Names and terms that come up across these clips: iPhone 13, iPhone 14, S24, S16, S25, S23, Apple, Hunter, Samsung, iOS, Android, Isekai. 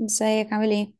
ازيك عامل ايه؟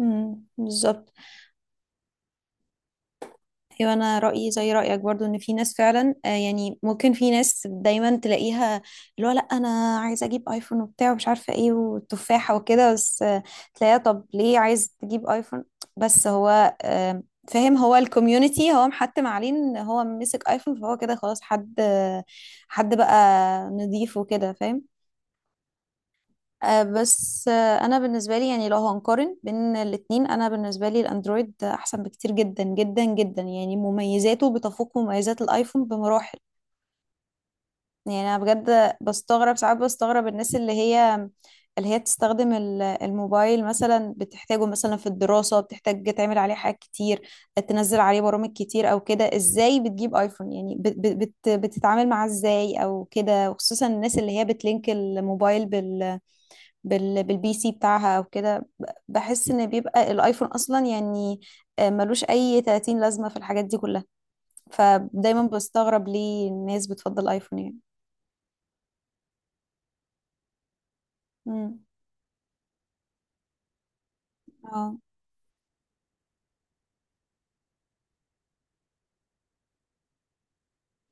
امم، بالظبط. ايوه، انا رايي زي رايك برضو ان في ناس فعلا، آه يعني ممكن في ناس دايما تلاقيها، اللي هو لا، انا عايزه اجيب ايفون وبتاع ومش عارفه ايه والتفاحه وكده، بس تلاقيها طب ليه عايز تجيب ايفون؟ بس هو، فاهم، هو الكوميونتي هو محتم عليه ان هو مسك ايفون، فهو كده خلاص حد، حد بقى نضيف وكده، فاهم. بس، انا بالنسبه لي يعني لو هنقارن بين الاتنين، انا بالنسبه لي الاندرويد احسن بكتير جدا جدا جدا، يعني مميزاته بتفوق مميزات الايفون بمراحل. يعني انا بجد بستغرب، ساعات بستغرب الناس اللي هي تستخدم الموبايل مثلا، بتحتاجه مثلا في الدراسه، بتحتاج تعمل عليه حاجات كتير، تنزل عليه برامج كتير او كده، ازاي بتجيب ايفون؟ يعني بتتعامل معاه ازاي او كده؟ وخصوصا الناس اللي هي بتلينك الموبايل بالبي سي بتاعها او كده. بحس ان بيبقى الايفون اصلا يعني ملوش اي 30 لازمة في الحاجات دي كلها. فدايما بستغرب ليه الناس بتفضل ايفون يعني. امم. اه.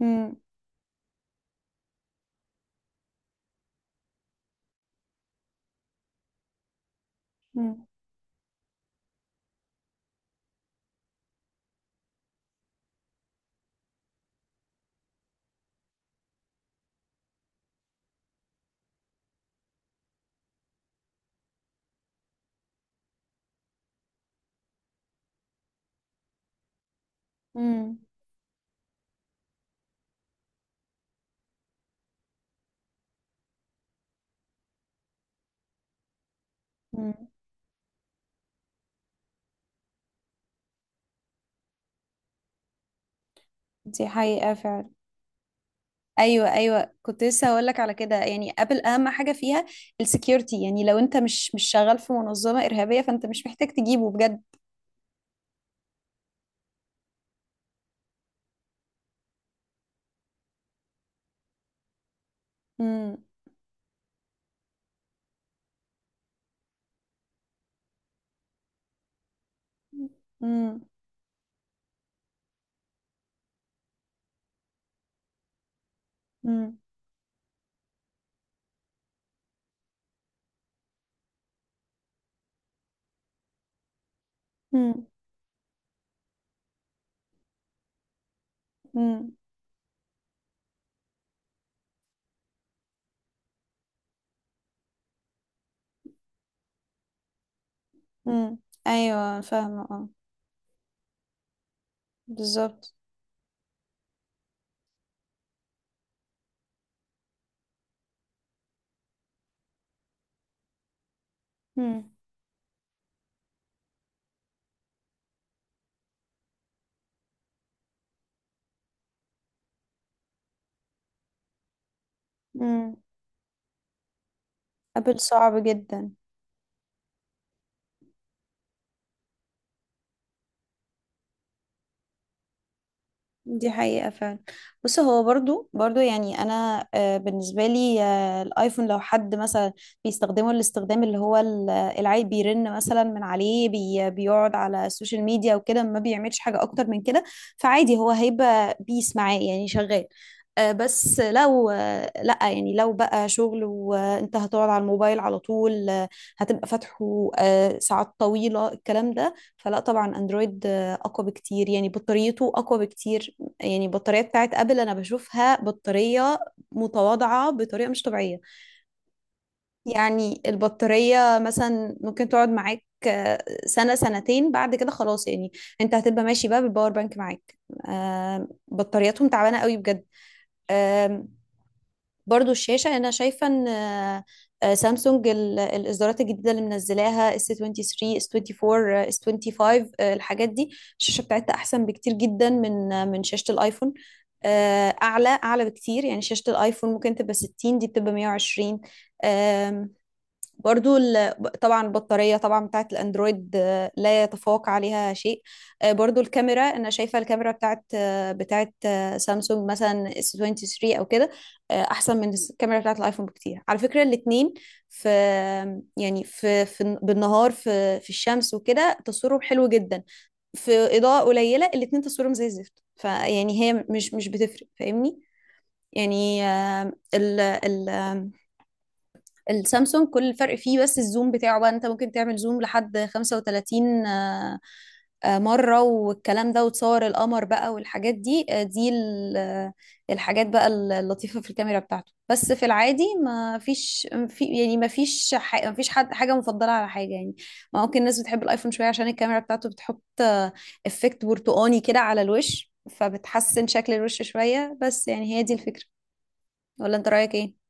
امم. امم. امم. أمم. دي حقيقة فعلا. ايوه، ايوه، كنت لسه هقول لك على كده. يعني ابل اهم حاجه فيها السكيورتي، يعني لو انت مش شغال في منظمه ارهابيه، فانت مش محتاج تجيبه بجد. امم. امم. امم. امم. امم. ايوه، فاهمه، اه. بالظبط. مم. مم. ابل صعب جدا. دي حقيقة فعلا. بص، هو برضو برضو يعني، أنا بالنسبة لي الآيفون، لو حد مثلا بيستخدمه الاستخدام اللي هو العيب، بيرن مثلا من عليه، بيقعد على السوشيال ميديا وكده، ما بيعملش حاجة أكتر من كده، فعادي هو هيبقى بيس معاه يعني شغال. بس لو، لأ يعني، لو بقى شغل وأنت هتقعد على الموبايل على طول، هتبقى فاتحه ساعات طويلة الكلام ده، فلا طبعا أندرويد أقوى بكتير، يعني بطاريته أقوى بكتير. يعني البطارية بتاعت ابل انا بشوفها بطارية متواضعة بطريقة مش طبيعية. يعني البطارية مثلا ممكن تقعد معاك سنة سنتين، بعد كده خلاص، يعني انت هتبقى ماشي بقى بالباور بانك معاك. بطارياتهم تعبانة قوي، بجد. برضو الشاشة أنا شايفة إن سامسونج الإصدارات الجديدة اللي منزلاها S23 S24، S25، الحاجات دي الشاشة بتاعتها أحسن بكتير جدا من، من شاشة الآيفون. أعلى أعلى بكتير يعني، شاشة الآيفون ممكن تبقى 60، دي بتبقى 120. برضو طبعا البطارية طبعا بتاعت الأندرويد لا يتفوق عليها شيء. برضو الكاميرا أنا شايفة الكاميرا بتاعت سامسونج مثلا اس 23 أو كده، أحسن من الكاميرا بتاعت الآيفون بكتير، على فكرة. الاتنين في، يعني في بالنهار، في الشمس وكده تصويرهم حلو جدا. في إضاءة قليلة الاتنين تصويرهم زي الزفت، فيعني هي مش بتفرق، فاهمني؟ يعني آه، ال ال السامسونج كل الفرق فيه بس الزوم بتاعه بقى، انت ممكن تعمل زوم لحد 35 مرة والكلام ده، وتصور القمر بقى والحاجات دي، دي الحاجات بقى اللطيفة في الكاميرا بتاعته. بس في العادي ما فيش، في يعني ما فيش، ح- ما فيش حد حاجة مفضلة على حاجة يعني. ممكن الناس بتحب الايفون شوية عشان الكاميرا بتاعته بتحط افكت برتقاني كده على الوش، فبتحسن شكل الوش شوية، بس يعني هي دي الفكرة، ولا انت رأيك ايه؟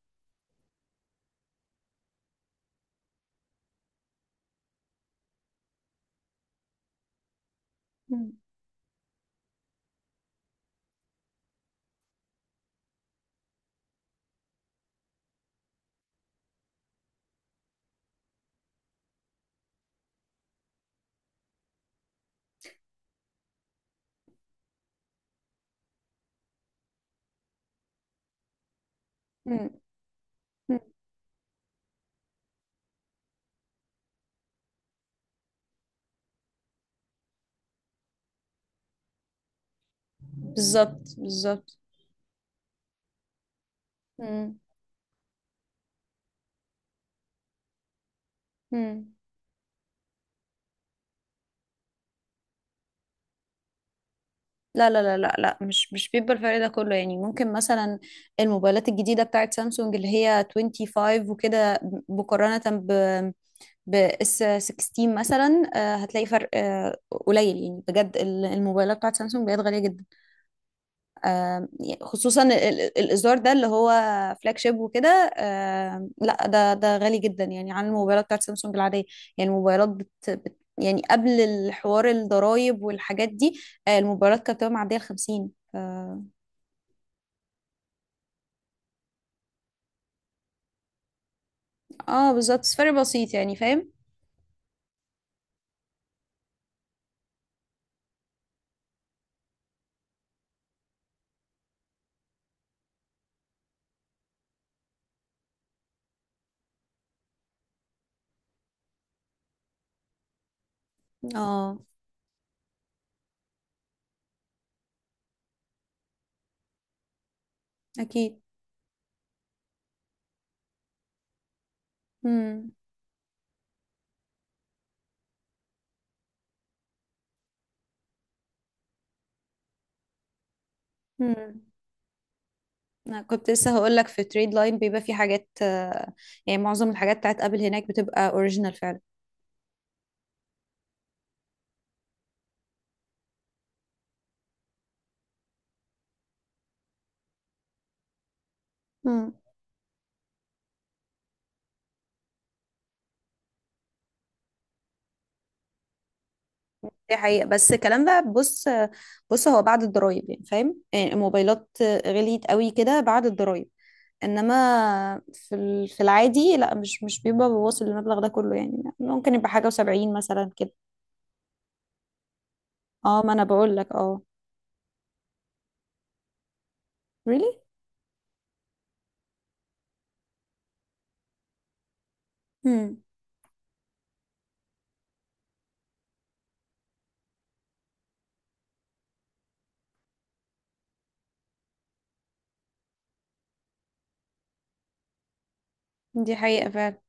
مم. مم. بالظبط، بالظبط. مم. مم. لا، لا، لا، لا، لا، مش بيبقى الفرق ده كله. يعني ممكن مثلا الموبايلات الجديدة بتاعت سامسونج اللي هي 25 وكده، مقارنة ب، اس 16 مثلا، هتلاقي فرق قليل. يعني بجد الموبايلات بتاعت سامسونج بقت غالية جدا. يعني خصوصا الازار ده اللي هو فلاج شيب وكده، لا ده غالي جدا يعني عن الموبايلات بتاعت سامسونج العاديه. يعني الموبايلات بت بت يعني قبل الحوار الضرايب والحاجات دي، الموبايلات كانت بتبقى معديه ال 50 اه بالظبط، بس فرق بسيط يعني، فاهم. اه. اكيد. امم. امم. انا كنت لسه هقول لك، في تريد لاين بيبقى في حاجات، يعني معظم الحاجات بتاعت ابل هناك بتبقى اوريجينال فعلا. دي حقيقة. بس الكلام ده بص، بص هو بعد الضرايب، يعني فاهم، يعني الموبايلات غليت قوي كده بعد الضرايب. انما في في العادي لا، مش بيبقى بواصل المبلغ ده كله، يعني ممكن يبقى حاجة وسبعين مثلا كده. اه، ما انا بقول لك، اه. Really. امم. دي حقيقة فعلا.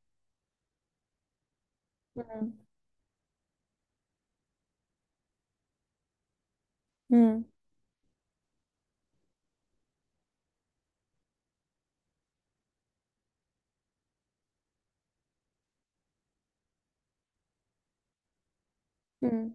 امم.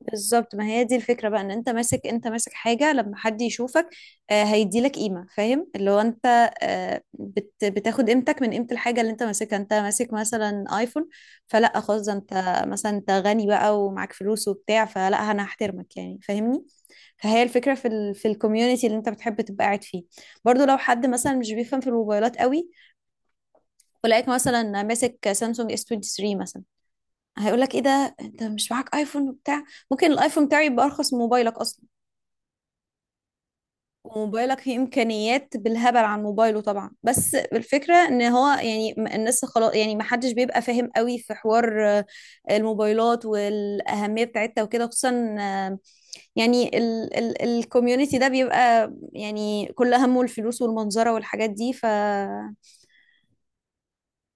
بالظبط. ما هي دي الفكرة بقى ان انت ماسك حاجة، لما حد يشوفك هيديلك قيمة، فاهم اللي هو انت، آه، بت بتاخد قيمتك من قيمة الحاجة اللي انت ماسكها. انت ماسك مثلا ايفون، فلا خلاص، ده انت مثلا انت غني بقى ومعاك فلوس وبتاع، فلا انا هحترمك يعني، فاهمني؟ فهي الفكرة في في الكوميونتي اللي انت بتحب تبقى قاعد فيه. برضو لو حد مثلا مش بيفهم في الموبايلات قوي، ولقاك مثلا ماسك سامسونج اس 23 مثلا، هيقولك ايه ده انت مش معاك ايفون وبتاع؟ ممكن الايفون بتاعي يبقى ارخص من موبايلك اصلا، وموبايلك فيه امكانيات بالهبل عن موبايله طبعا. بس الفكره ان هو يعني، الناس خلاص يعني، ما حدش بيبقى فاهم قوي في حوار الموبايلات والاهميه بتاعتها وكده، خصوصا يعني ال ال الكوميونتي ده بيبقى يعني كل همه الفلوس والمنظره والحاجات دي، ف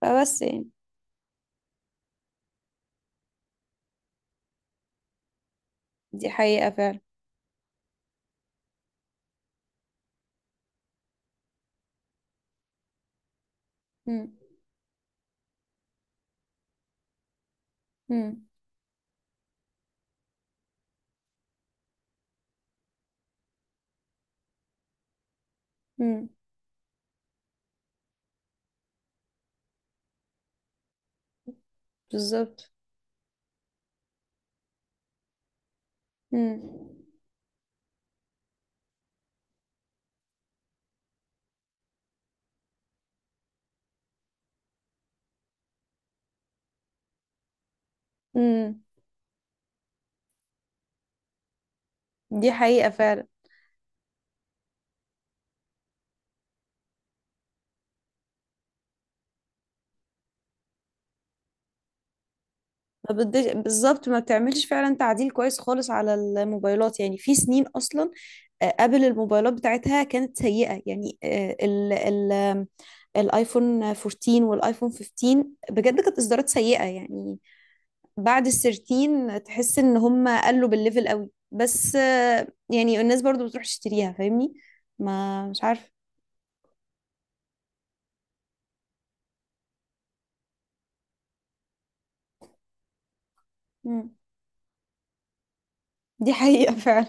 فبس يعني. دي حقيقه فعلا. امم. امم. بالظبط. امم. دي حقيقه فعلا. ما بدش بالظبط، ما بتعملش فعلا تعديل كويس خالص على الموبايلات يعني في سنين اصلا، قبل الموبايلات بتاعتها كانت سيئة. يعني آه، ال ال آم، الايفون 14 والايفون 15 بجد كانت اصدارات سيئة. يعني بعد ال 13 تحس ان هم قلوا بالليفل قوي، بس يعني الناس برضو بتروح تشتريها، فاهمني؟ ما مش عارفة. مم. دي حقيقة فعلا.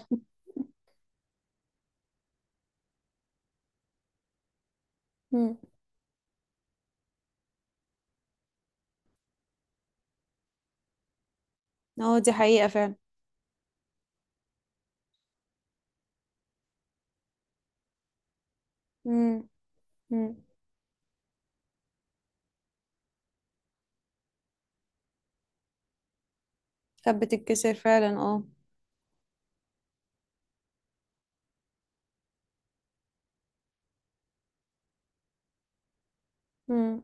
مم. اه دي حقيقة فعلا. مم. مم. كانت بتتكسر فعلا، اه. مم.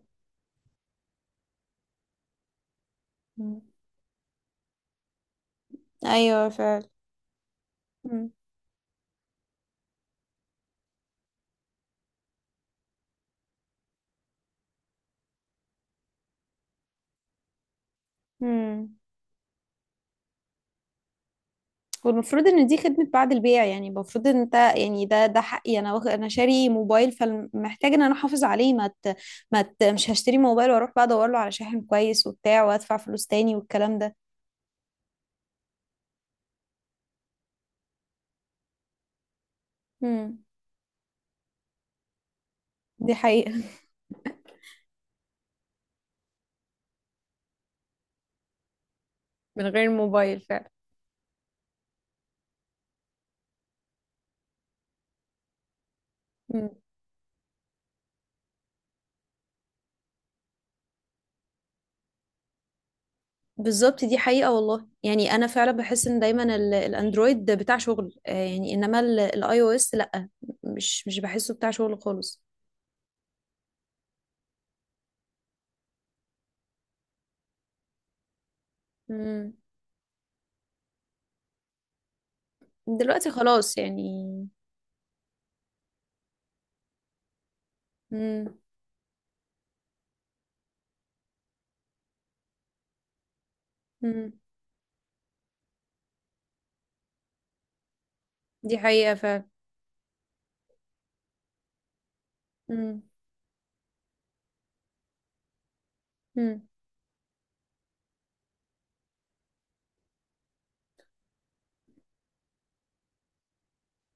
مم. ايوه فعلا. مم. مم. والمفروض ان دي خدمة بعد البيع، يعني المفروض ان انت يعني، ده حقي، انا واخد، انا شاري موبايل فمحتاج ان انا احافظ عليه. ما ت... ما ت... مش هشتري موبايل واروح بقى ادور له على شاحن كويس وبتاع وادفع فلوس تاني والكلام ده. مم. دي حقيقة من غير موبايل فعلا. مم. بالظبط، دي حقيقة والله. يعني انا فعلا بحس ان دايما الاندرويد بتاع شغل، يعني انما الاي او اس لا، مش بحسه بتاع شغل خالص. مم. دلوقتي خلاص يعني. مم. مم. دي حقيقة فعلا. مم. مم.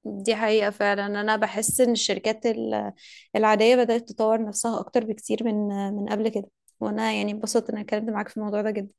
دي حقيقة فعلا. أنا بحس إن الشركات العادية بدأت تطور نفسها أكتر بكتير من، من قبل كده. وأنا يعني اتبسطت إن أنا اتكلمت معاك في الموضوع ده جدا.